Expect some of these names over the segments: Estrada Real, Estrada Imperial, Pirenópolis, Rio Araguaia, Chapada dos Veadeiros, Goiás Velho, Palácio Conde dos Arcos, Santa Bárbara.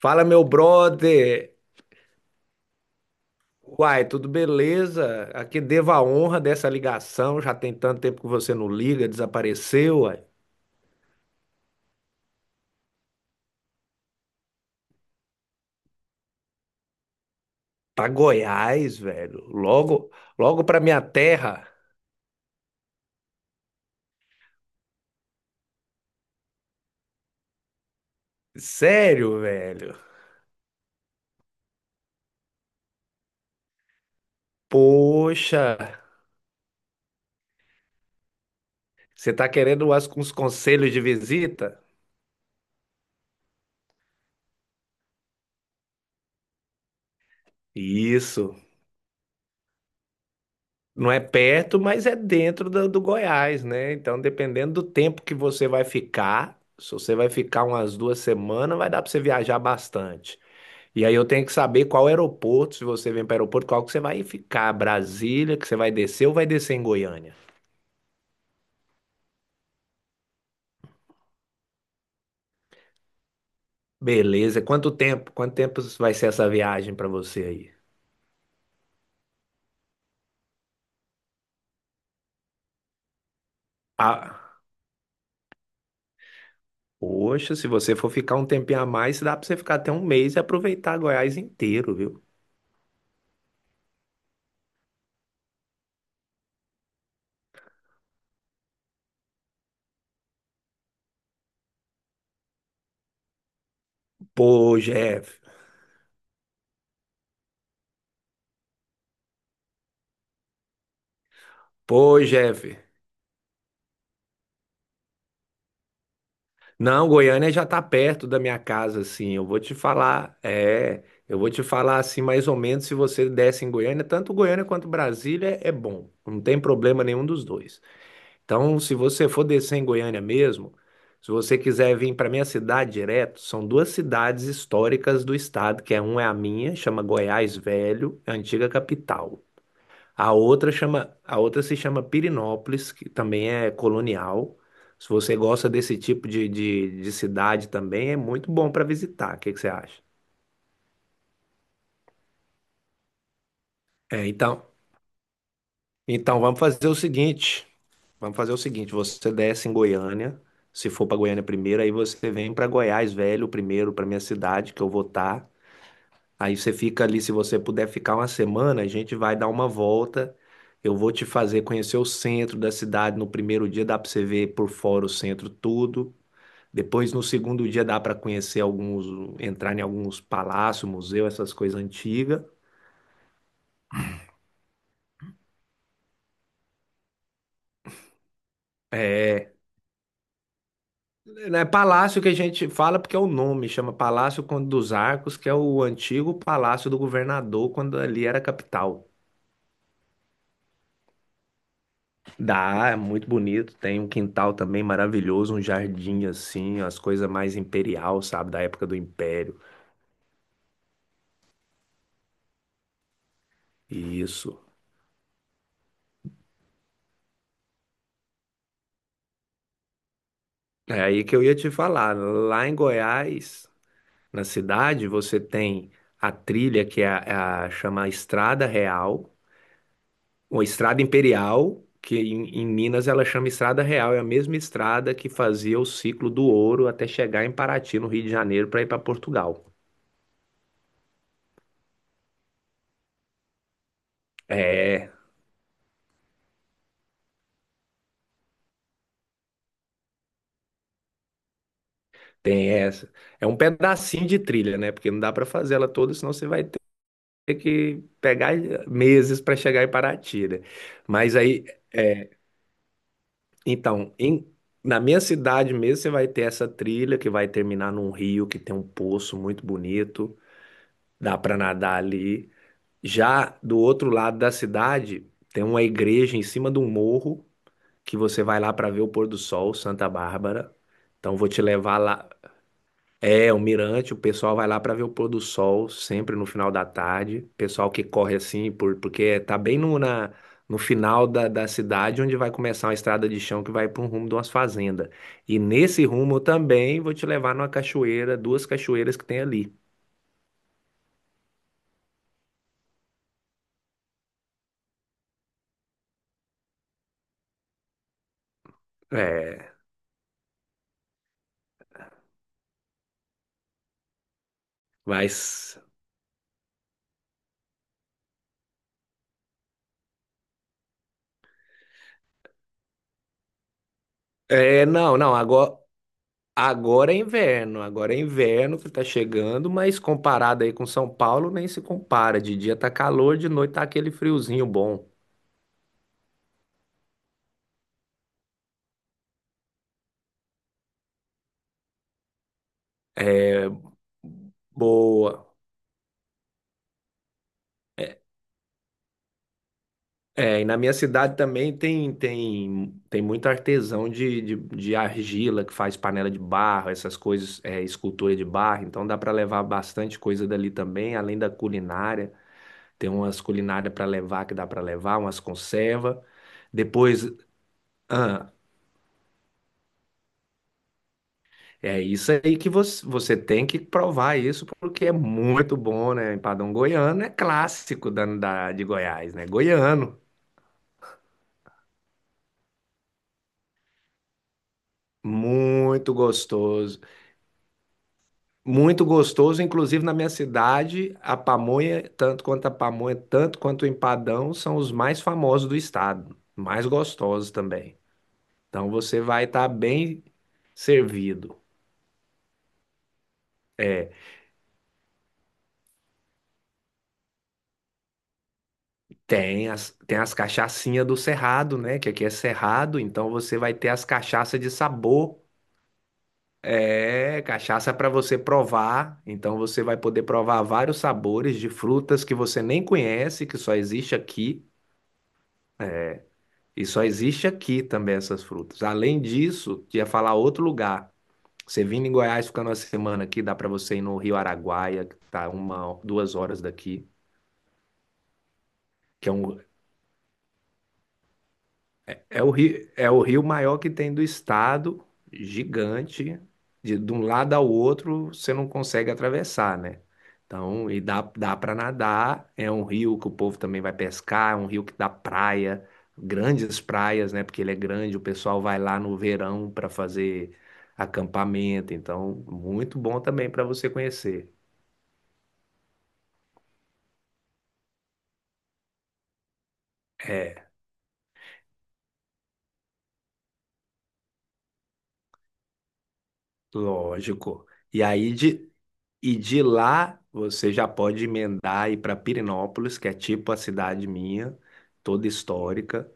Fala, meu brother. Uai, tudo beleza? Aqui devo a honra dessa ligação. Já tem tanto tempo que você não liga, desapareceu, uai. Pra Goiás, velho. Logo, logo pra minha terra. Sério, velho. Poxa, você tá querendo uns conselhos de visita? Isso. Não é perto, mas é dentro do Goiás, né? Então, dependendo do tempo que você vai ficar, se você vai ficar umas duas semanas, vai dar pra você viajar bastante. E aí eu tenho que saber qual aeroporto, se você vem para o aeroporto, qual que você vai ficar, Brasília, que você vai descer ou vai descer em Goiânia? Beleza, quanto tempo? Quanto tempo vai ser essa viagem para você aí? Ah, poxa, se você for ficar um tempinho a mais, dá para você ficar até um mês e aproveitar Goiás inteiro, viu? Pô, Jeff, pô, Jeff. Não, Goiânia já tá perto da minha casa, assim. Eu vou te falar, é, eu vou te falar assim mais ou menos se você desce em Goiânia, tanto Goiânia quanto Brasília é bom. Não tem problema nenhum dos dois. Então, se você for descer em Goiânia mesmo, se você quiser vir para minha cidade direto, são duas cidades históricas do estado, que é uma é a minha, chama Goiás Velho, é a antiga capital. A outra chama, a outra se chama Pirinópolis que também é colonial. Se você gosta desse tipo de, de cidade também, é muito bom para visitar. O que que você acha? É, então, então vamos fazer o seguinte. Vamos fazer o seguinte, você desce em Goiânia, se for para Goiânia primeiro, aí você vem para Goiás Velho primeiro, para minha cidade, que eu vou estar. Aí você fica ali, se você puder ficar uma semana, a gente vai dar uma volta. Eu vou te fazer conhecer o centro da cidade. No primeiro dia dá para você ver por fora o centro todo. Depois, no segundo dia, dá para conhecer alguns, entrar em alguns palácios, museu, essas coisas antigas. É, né, palácio que a gente fala porque é o nome, chama Palácio Conde dos Arcos, que é o antigo palácio do governador quando ali era capital. Dá, é muito bonito. Tem um quintal também maravilhoso, um jardim assim, as coisas mais imperial, sabe, da época do Império. Isso. É aí que eu ia te falar. Lá em Goiás, na cidade, você tem a trilha que chama Estrada Real, ou Estrada Imperial, que em Minas ela chama Estrada Real. É a mesma estrada que fazia o ciclo do ouro até chegar em Paraty, no Rio de Janeiro, para ir para Portugal. É. Tem essa. É um pedacinho de trilha, né? Porque não dá para fazer ela toda, senão você vai ter que pegar meses para chegar em Paraty, né? Mas aí, então, em- Na minha cidade mesmo, você vai ter essa trilha que vai terminar num rio que tem um poço muito bonito, dá para nadar ali. Já do outro lado da cidade, tem uma igreja em cima de um morro que você vai lá para ver o pôr do sol, Santa Bárbara. Então, vou te levar lá. É, o mirante, o pessoal vai lá para ver o pôr do sol, sempre no final da tarde. Pessoal que corre assim, porque tá bem no final da cidade, onde vai começar uma estrada de chão que vai para um rumo de umas fazendas. E nesse rumo eu também vou te levar numa cachoeira, duas cachoeiras que tem ali. É, mas. É, não, não, agora, agora é inverno que tá chegando, mas comparado aí com São Paulo, nem se compara. De dia tá calor, de noite tá aquele friozinho bom. Boa. É, e na minha cidade também tem muito artesão de argila que faz panela de barro, essas coisas, é, escultura de barro. Então dá para levar bastante coisa dali também, além da culinária. Tem umas culinárias para levar que dá para levar, umas conserva. Depois, ah, é isso aí que você tem que provar isso porque é muito bom, né? Empadão goiano é clássico de Goiás, né? Goiano, muito gostoso. Muito gostoso, inclusive na minha cidade, a pamonha, tanto quanto a pamonha, tanto quanto o empadão, são os mais famosos do estado, mais gostosos também. Então você vai estar bem servido. É, tem as cachaçinhas do Cerrado, né? Que aqui é Cerrado, então você vai ter as cachaças de sabor. É, cachaça para você provar. Então você vai poder provar vários sabores de frutas que você nem conhece, que só existe aqui. E só existe aqui também essas frutas. Além disso, ia falar outro lugar. Você vindo em Goiás, ficando uma semana aqui, dá para você ir no Rio Araguaia, que tá uma, duas horas daqui, que é um, é o rio, é o rio maior que tem do estado, gigante, de um lado ao outro você não consegue atravessar, né? Então, e dá para nadar, é um rio que o povo também vai pescar, é um rio que dá praia, grandes praias, né? Porque ele é grande, o pessoal vai lá no verão para fazer acampamento, então muito bom também para você conhecer. É, lógico. E aí de, E de lá você já pode emendar e ir para Pirenópolis, que é tipo a cidade minha, toda histórica.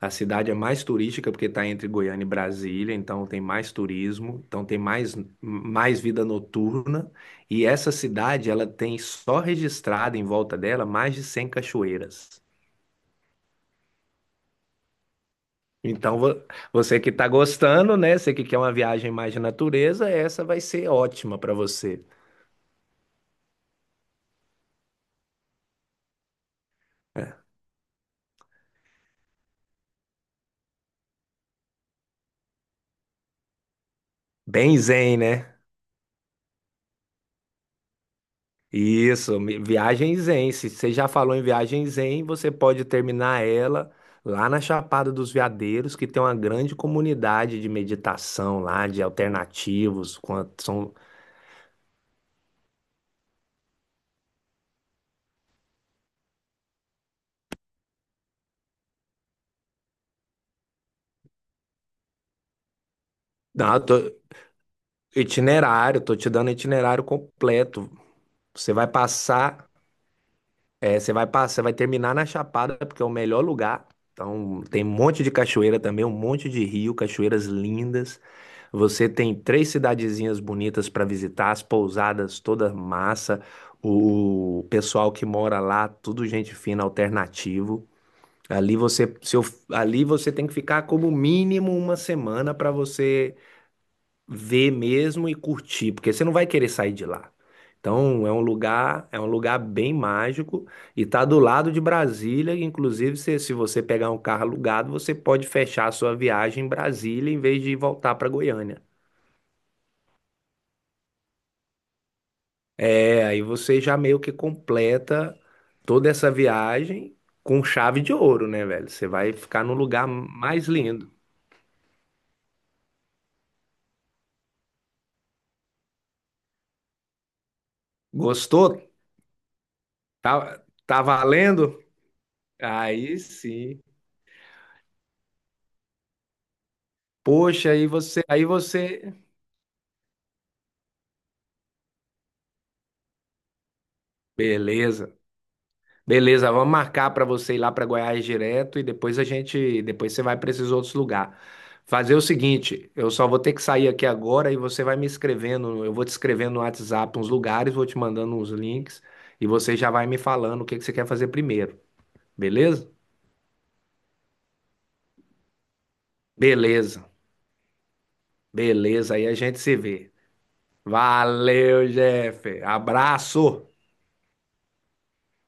A cidade é mais turística porque está entre Goiânia e Brasília, então tem mais turismo, então mais vida noturna. E essa cidade, ela tem só registrada em volta dela mais de 100 cachoeiras. Então vo- Você que está gostando, né? Você que quer uma viagem mais de natureza, essa vai ser ótima para você. Bem zen, né? Isso, viagem zen. Se você já falou em viagem zen, você pode terminar ela lá na Chapada dos Veadeiros, que tem uma grande comunidade de meditação lá, de alternativos. Quanto são... Não, itinerário, tô te dando itinerário completo. Você vai passar É, você vai passar, vai terminar na Chapada, porque é o melhor lugar. Então, tem um monte de cachoeira também, um monte de rio, cachoeiras lindas. Você tem três cidadezinhas bonitas para visitar, as pousadas toda massa, o pessoal que mora lá, tudo gente fina, alternativo. Ali você, seu, ali você tem que ficar como mínimo uma semana para você ver mesmo e curtir, porque você não vai querer sair de lá. Então, é um lugar bem mágico e tá do lado de Brasília, e, inclusive se você pegar um carro alugado, você pode fechar a sua viagem em Brasília em vez de voltar para Goiânia. É, aí você já meio que completa toda essa viagem com chave de ouro, né, velho? Você vai ficar no lugar mais lindo. Gostou? Tá, tá valendo? Aí sim. Poxa, beleza. Beleza, vamos marcar para você ir lá para Goiás direto e depois a gente, depois você vai para esses outros lugares. Fazer o seguinte, eu só vou ter que sair aqui agora e você vai me escrevendo, eu vou te escrevendo no WhatsApp uns lugares, vou te mandando uns links e você já vai me falando o que que você quer fazer primeiro, beleza? Beleza, beleza, aí a gente se vê. Valeu, Jeff. Abraço.